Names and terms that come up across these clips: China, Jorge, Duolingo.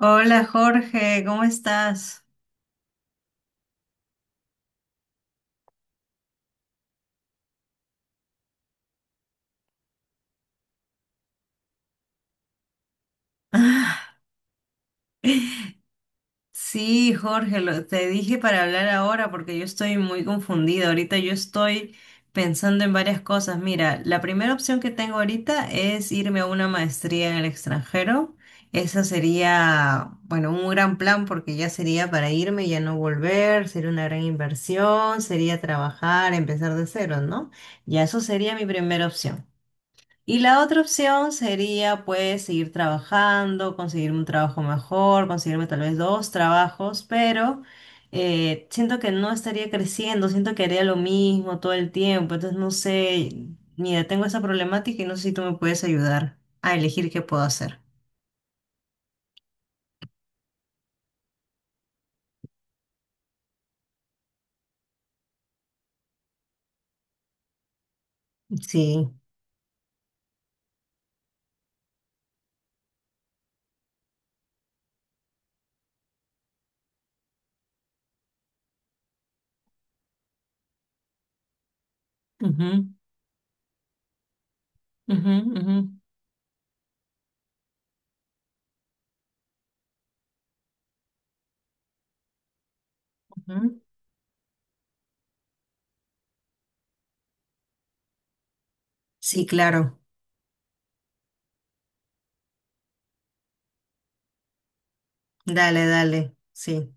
Hola Jorge, ¿cómo estás? Sí, Jorge, te dije para hablar ahora porque yo estoy muy confundida. Ahorita yo estoy pensando en varias cosas. Mira, la primera opción que tengo ahorita es irme a una maestría en el extranjero. Esa sería, bueno, un gran plan porque ya sería para irme y ya no volver, sería una gran inversión, sería trabajar, empezar de cero, ¿no? Ya eso sería mi primera opción. Y la otra opción sería pues seguir trabajando, conseguirme un trabajo mejor, conseguirme tal vez dos trabajos, pero siento que no estaría creciendo, siento que haría lo mismo todo el tiempo, entonces no sé, mira, tengo esa problemática y no sé si tú me puedes ayudar a elegir qué puedo hacer. Sí. Ujú, ujú, ujú, ujú. Sí, claro. Dale, dale. Sí.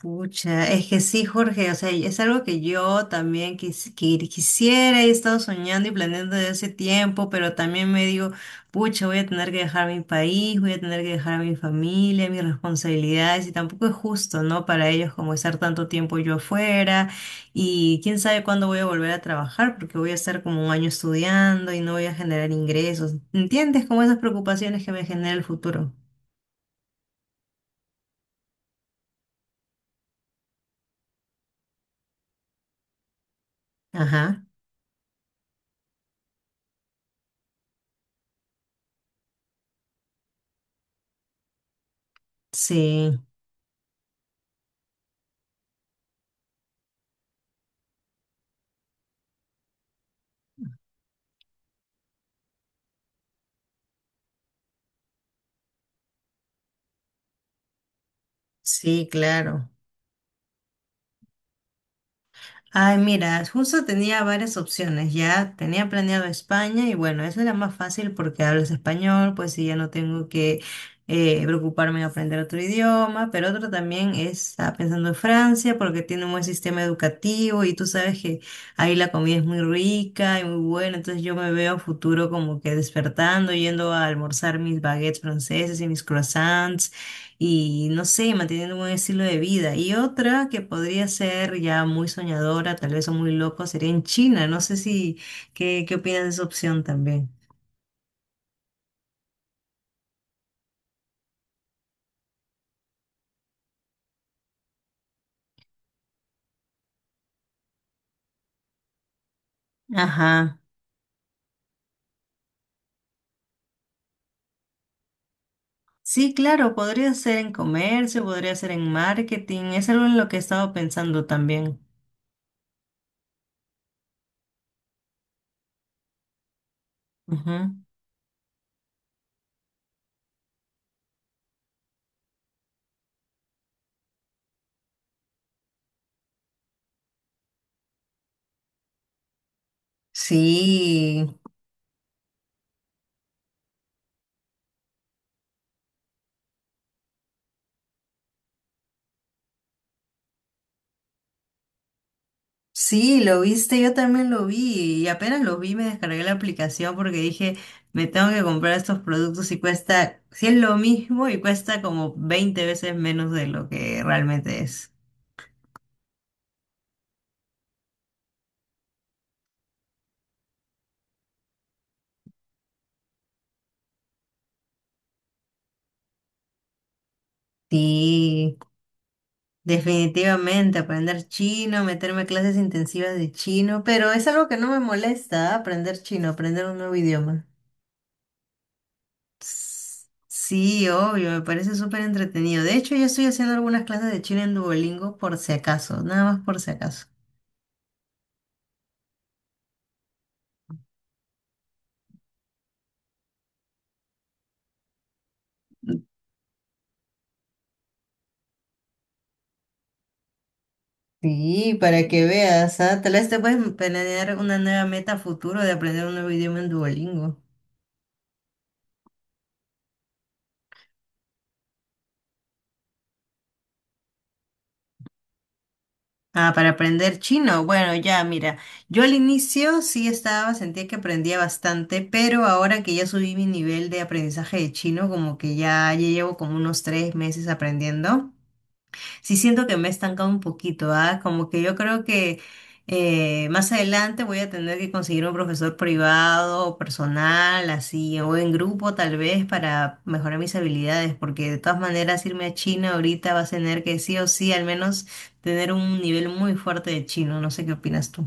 Pucha, es que sí, Jorge, o sea, es algo que yo también que quisiera, he estado soñando y planeando desde hace tiempo, pero también me digo, pucha, voy a tener que dejar mi país, voy a tener que dejar a mi familia, mis responsabilidades, y tampoco es justo, ¿no? Para ellos como estar tanto tiempo yo afuera, y quién sabe cuándo voy a volver a trabajar, porque voy a estar como un año estudiando y no voy a generar ingresos. ¿Entiendes? Como esas preocupaciones que me genera el futuro. Ajá, sí, sí, claro. Ay, mira, justo tenía varias opciones, ya tenía planeado España y bueno, eso era más fácil porque hablas español, pues y ya no tengo que preocuparme en aprender otro idioma, pero otro también es, estaba pensando en Francia porque tiene un buen sistema educativo y tú sabes que ahí la comida es muy rica y muy buena, entonces yo me veo a futuro como que despertando, yendo a almorzar mis baguettes franceses y mis croissants y no sé, manteniendo un buen estilo de vida. Y otra que podría ser ya muy soñadora, tal vez o muy loco, sería en China. No sé si, ¿qué, qué opinas de esa opción también? Ajá. Sí, claro, podría ser en comercio, podría ser en marketing, es algo en lo que he estado pensando también. Ujú. Sí. Sí, lo viste, yo también lo vi y apenas lo vi me descargué la aplicación porque dije, me tengo que comprar estos productos y cuesta, si es lo mismo y cuesta como 20 veces menos de lo que realmente es. Sí, definitivamente, aprender chino, meterme a clases intensivas de chino, pero es algo que no me molesta, ¿ah? Aprender chino, aprender un nuevo idioma. S- Sí, obvio, me parece súper entretenido. De hecho, yo estoy haciendo algunas clases de chino en Duolingo por si acaso, nada más por si acaso. Sí, para que veas, ah, tal vez te puedes planear una nueva meta a futuro de aprender un nuevo idioma en Duolingo. Ah, para aprender chino. Bueno, ya, mira, yo al inicio sí estaba, sentía que aprendía bastante, pero ahora que ya subí mi nivel de aprendizaje de chino, como que ya, ya llevo como unos 3 meses aprendiendo. Sí siento que me he estancado un poquito, ¿ah? Como que yo creo que más adelante voy a tener que conseguir un profesor privado o personal, así, o en grupo tal vez para mejorar mis habilidades, porque de todas maneras irme a China ahorita vas a tener que sí o sí al menos tener un nivel muy fuerte de chino, no sé qué opinas tú.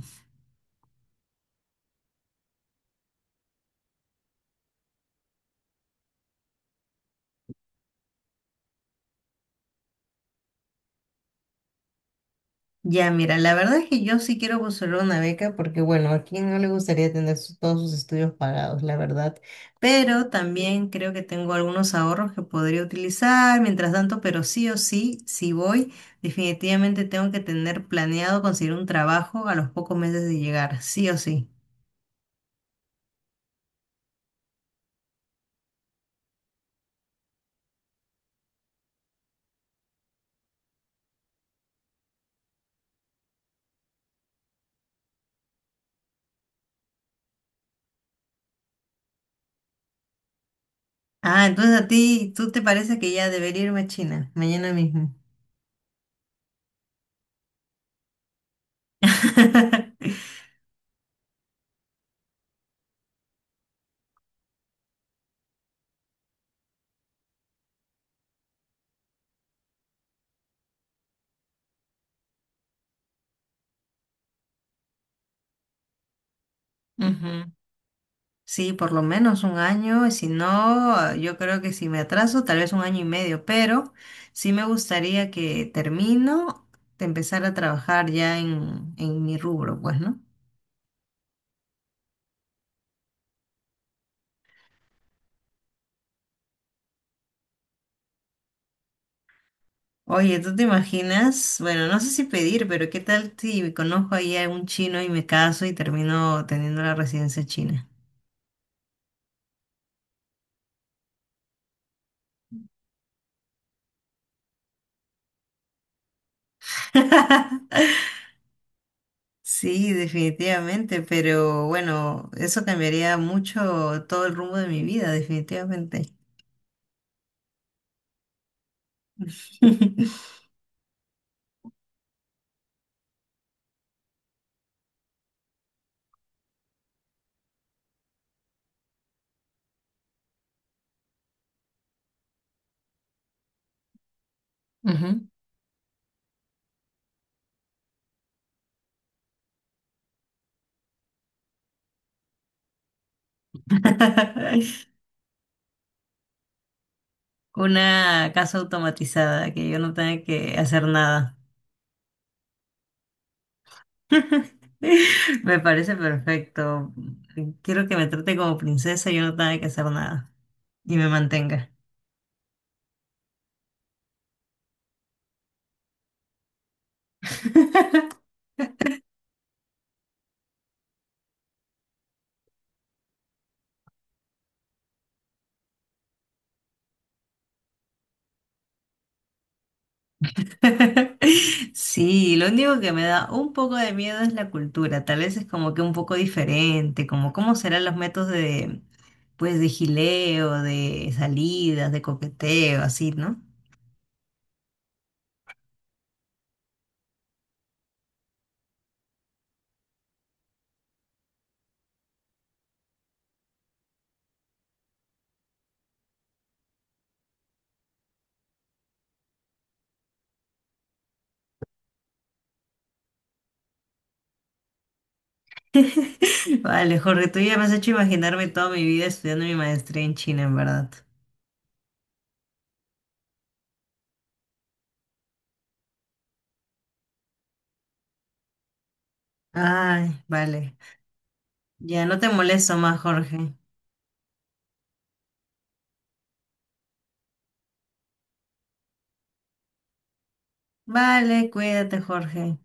Ya, mira, la verdad es que yo sí quiero buscar una beca porque, bueno, a quién no le gustaría tener todos sus estudios pagados, la verdad. Pero también creo que tengo algunos ahorros que podría utilizar mientras tanto, pero sí o sí, si voy, definitivamente tengo que tener planeado conseguir un trabajo a los pocos meses de llegar, sí o sí. Ah, entonces a ti, ¿tú te parece que ya debería irme a China mañana mismo? Ujú. Sí, por lo menos un año, y si no, yo creo que si me atraso, tal vez un año y medio, pero sí me gustaría que termino de empezar a trabajar ya en, mi rubro, pues, ¿no? Oye, ¿tú te imaginas? Bueno, no sé si pedir, pero ¿qué tal si conozco ahí a un chino y me caso y termino teniendo la residencia china? Sí, definitivamente, pero bueno, eso cambiaría mucho todo el rumbo de mi vida, definitivamente. Ujú. Una casa automatizada, que yo no tenga que hacer nada. Me parece perfecto. Quiero que me trate como princesa y yo no tenga que hacer nada. Y me mantenga. Sí, lo único que me da un poco de miedo es la cultura. Tal vez es como que un poco diferente, como cómo serán los métodos de, pues, de gileo, de salidas, de coqueteo, así, ¿no? Vale, Jorge, tú ya me has hecho imaginarme toda mi vida estudiando mi maestría en China, en verdad. Ay, vale. Ya no te molesto más, Jorge. Vale, cuídate, Jorge.